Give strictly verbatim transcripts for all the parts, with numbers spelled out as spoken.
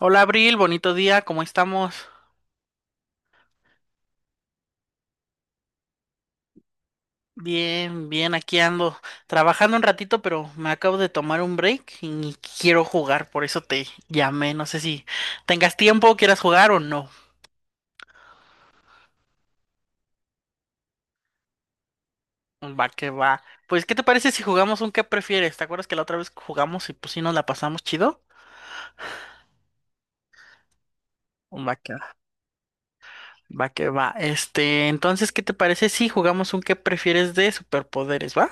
Hola Abril, bonito día, ¿cómo estamos? Bien, bien, aquí ando trabajando un ratito, pero me acabo de tomar un break y quiero jugar, por eso te llamé, no sé si tengas tiempo, quieras jugar o no. Va que va. Pues, ¿qué te parece si jugamos un qué prefieres? ¿Te acuerdas que la otra vez jugamos y pues sí nos la pasamos chido? Va que va, va que va. Este, entonces, ¿qué te parece si jugamos un qué prefieres de superpoderes, va?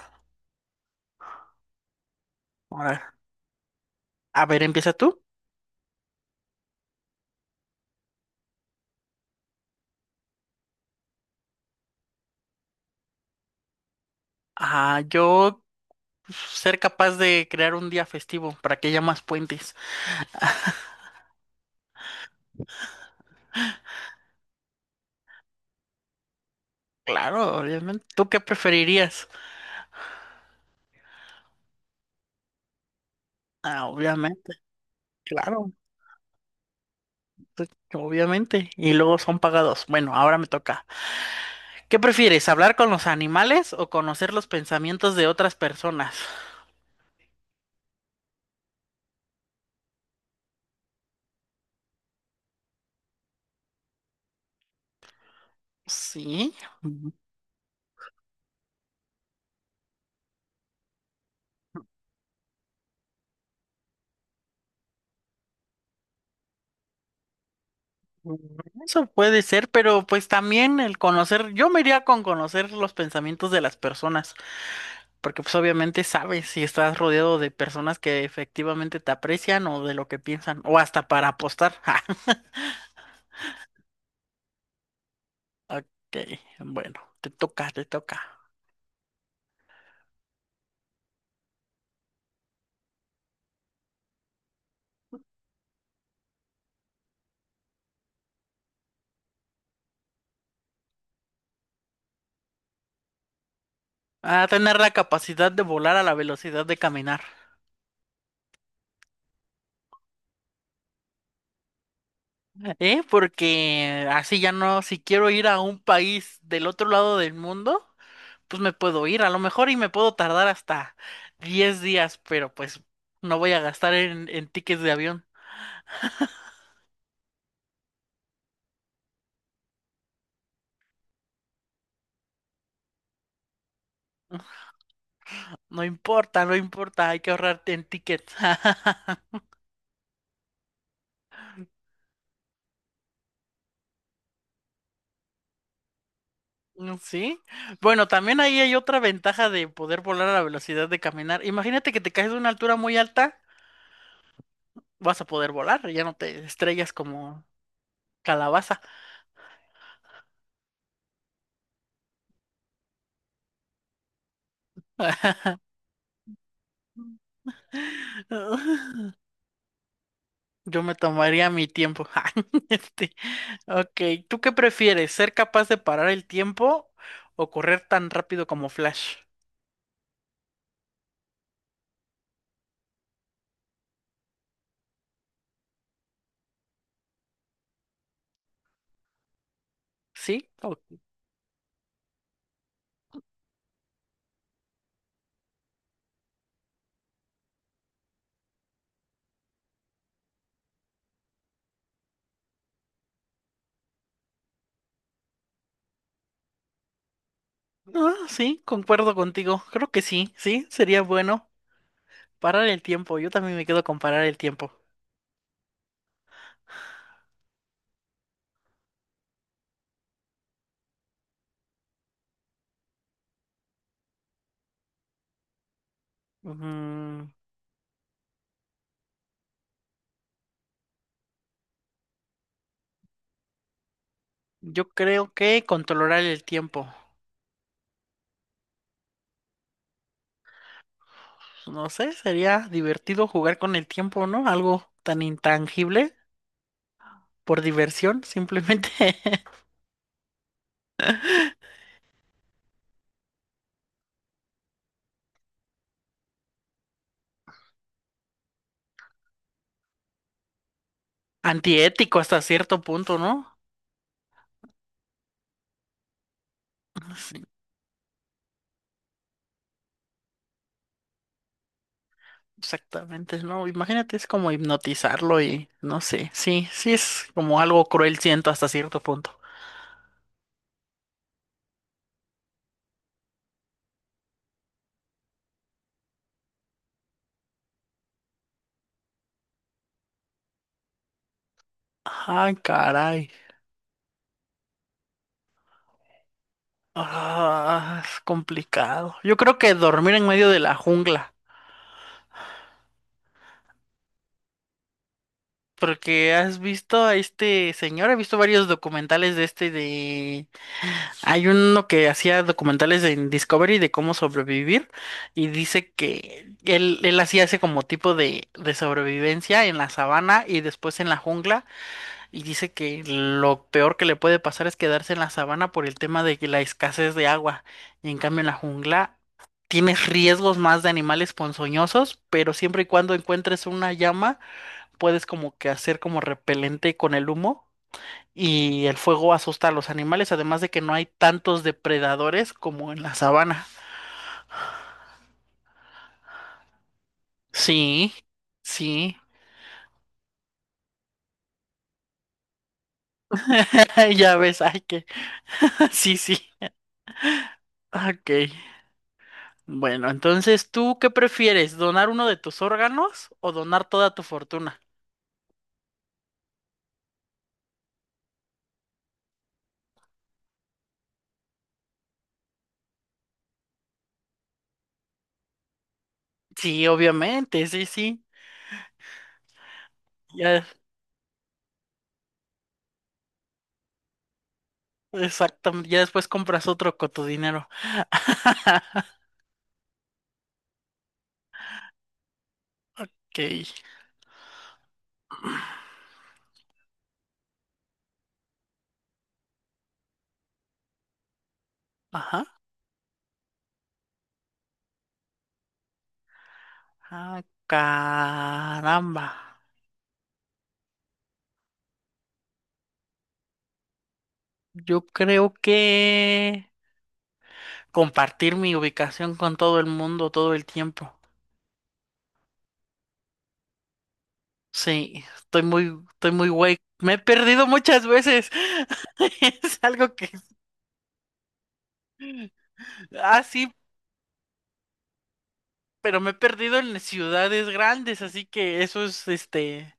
Ahora, a ver, empieza tú. Ah, yo ser capaz de crear un día festivo para que haya más puentes. Claro, obviamente. ¿Tú qué preferirías? Ah, obviamente, claro, pues, obviamente. Y luego son pagados. Bueno, ahora me toca. ¿Qué prefieres, hablar con los animales o conocer los pensamientos de otras personas? Sí, mm, eso puede ser, pero pues también el conocer, yo me iría con conocer los pensamientos de las personas. Porque pues obviamente sabes si estás rodeado de personas que efectivamente te aprecian o de lo que piensan, o hasta para apostar. Ja, ok, bueno, te toca, te toca. A tener la capacidad de volar a la velocidad de caminar. ¿Eh? Porque así ya no, si quiero ir a un país del otro lado del mundo, pues me puedo ir a lo mejor y me puedo tardar hasta diez días, pero pues no voy a gastar en, en tickets de avión. No importa, no importa, hay que ahorrar en tickets. Mm, sí. Bueno, también ahí hay otra ventaja de poder volar a la velocidad de caminar. Imagínate que te caes de una altura muy alta, vas a poder volar, ya no te estrellas como calabaza. Yo me tomaría mi tiempo. Este, ok, ¿tú qué prefieres? ¿Ser capaz de parar el tiempo o correr tan rápido como Flash? ¿Sí? o- Ah, sí, concuerdo contigo. Creo que sí, sí, sería bueno parar el tiempo. Yo también me quedo con parar el tiempo. Ujú. Yo creo que controlar el tiempo. No sé, sería divertido jugar con el tiempo, ¿no? Algo tan intangible por diversión, simplemente. Antiético hasta cierto punto, ¿no? Sí, exactamente, ¿no? Imagínate, es como hipnotizarlo y no sé, sí, sí es como algo cruel, siento hasta cierto punto. Ay, caray. Ah, es complicado. Yo creo que dormir en medio de la jungla. Porque has visto a este señor, he visto varios documentales de este de... Hay uno que hacía documentales en Discovery de cómo sobrevivir y dice que él, él hacía ese como tipo de, de sobrevivencia en la sabana y después en la jungla y dice que lo peor que le puede pasar es quedarse en la sabana por el tema de que la escasez de agua y en cambio en la jungla tienes riesgos más de animales ponzoñosos, pero siempre y cuando encuentres una llama puedes como que hacer como repelente con el humo y el fuego asusta a los animales, además de que no hay tantos depredadores como en la sabana. Sí, sí, ya ves, ay que, sí, sí, ok. Bueno, entonces, ¿tú qué prefieres? ¿Donar uno de tus órganos o donar toda tu fortuna? Sí, obviamente, sí, sí, ya, exactamente, ya después compras otro con tu dinero. Ok, ajá, ah, caramba. Yo creo que compartir mi ubicación con todo el mundo todo el tiempo. Sí, estoy muy, estoy muy güey. Me he perdido muchas veces. Es algo que, ah, sí, pero me he perdido en ciudades grandes, así que eso es, este,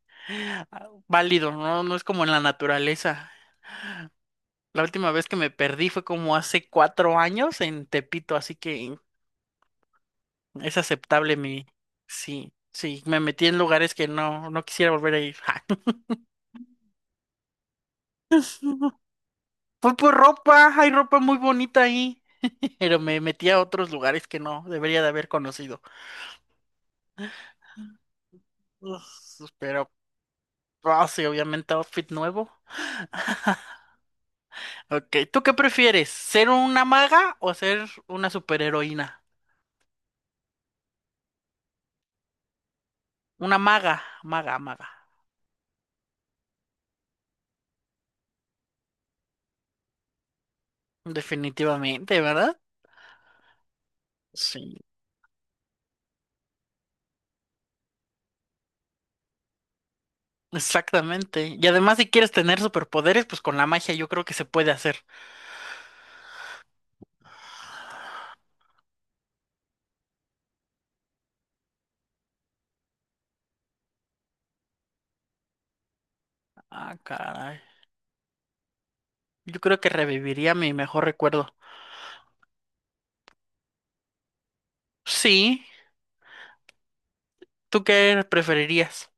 ah, válido, ¿no? No es como en la naturaleza. La última vez que me perdí fue como hace cuatro años en Tepito, así que es aceptable mi, sí, sí, me metí en lugares que no, no quisiera volver a ir. Fue por ropa, hay ropa muy bonita ahí, pero me metí a otros lugares que no debería de haber conocido. Uf, pero, ah, sí, obviamente outfit nuevo. Ok, ¿tú qué prefieres? ¿Ser una maga o ser una superheroína? Una maga, maga, maga. Definitivamente, ¿verdad? Sí, exactamente. Y además, si quieres tener superpoderes, pues con la magia yo creo que se puede hacer. Ah, caray. Yo creo que reviviría mi mejor recuerdo. Sí, ¿tú qué preferirías?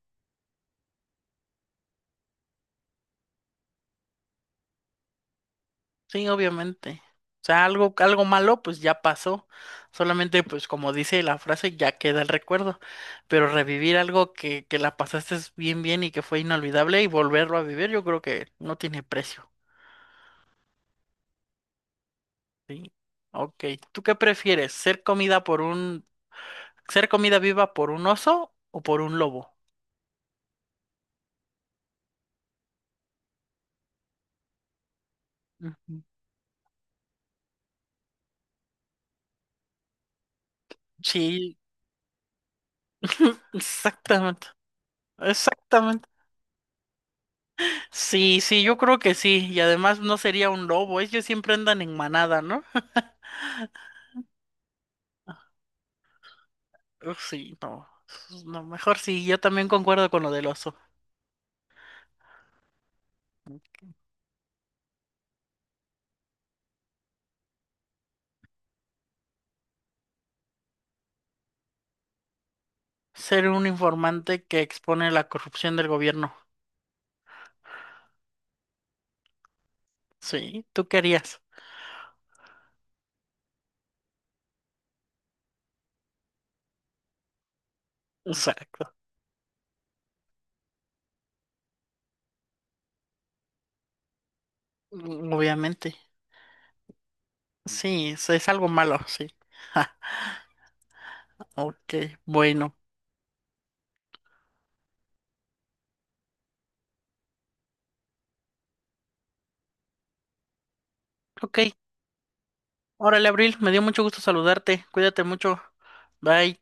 Sí, obviamente. O sea, algo, algo malo, pues ya pasó. Solamente, pues como dice la frase, ya queda el recuerdo. Pero revivir algo que, que la pasaste bien, bien y que fue inolvidable y volverlo a vivir, yo creo que no tiene precio. Sí. Ok. ¿Tú qué prefieres? ¿Ser comida por un, ser comida viva por un oso o por un lobo? Ujú. Sí, exactamente. Exactamente. Sí, sí, yo creo que sí. Y además no sería un lobo. Ellos siempre andan en manada, ¿no? Uf, sí, no. No, mejor sí, yo también concuerdo con lo del oso. Ser un informante que expone la corrupción del gobierno. Sí, ¿tú qué harías? Exacto. Mm, obviamente. Sí, es, es algo malo, sí. Ok, bueno. Ok. Órale, Abril, me dio mucho gusto saludarte. Cuídate mucho. Bye.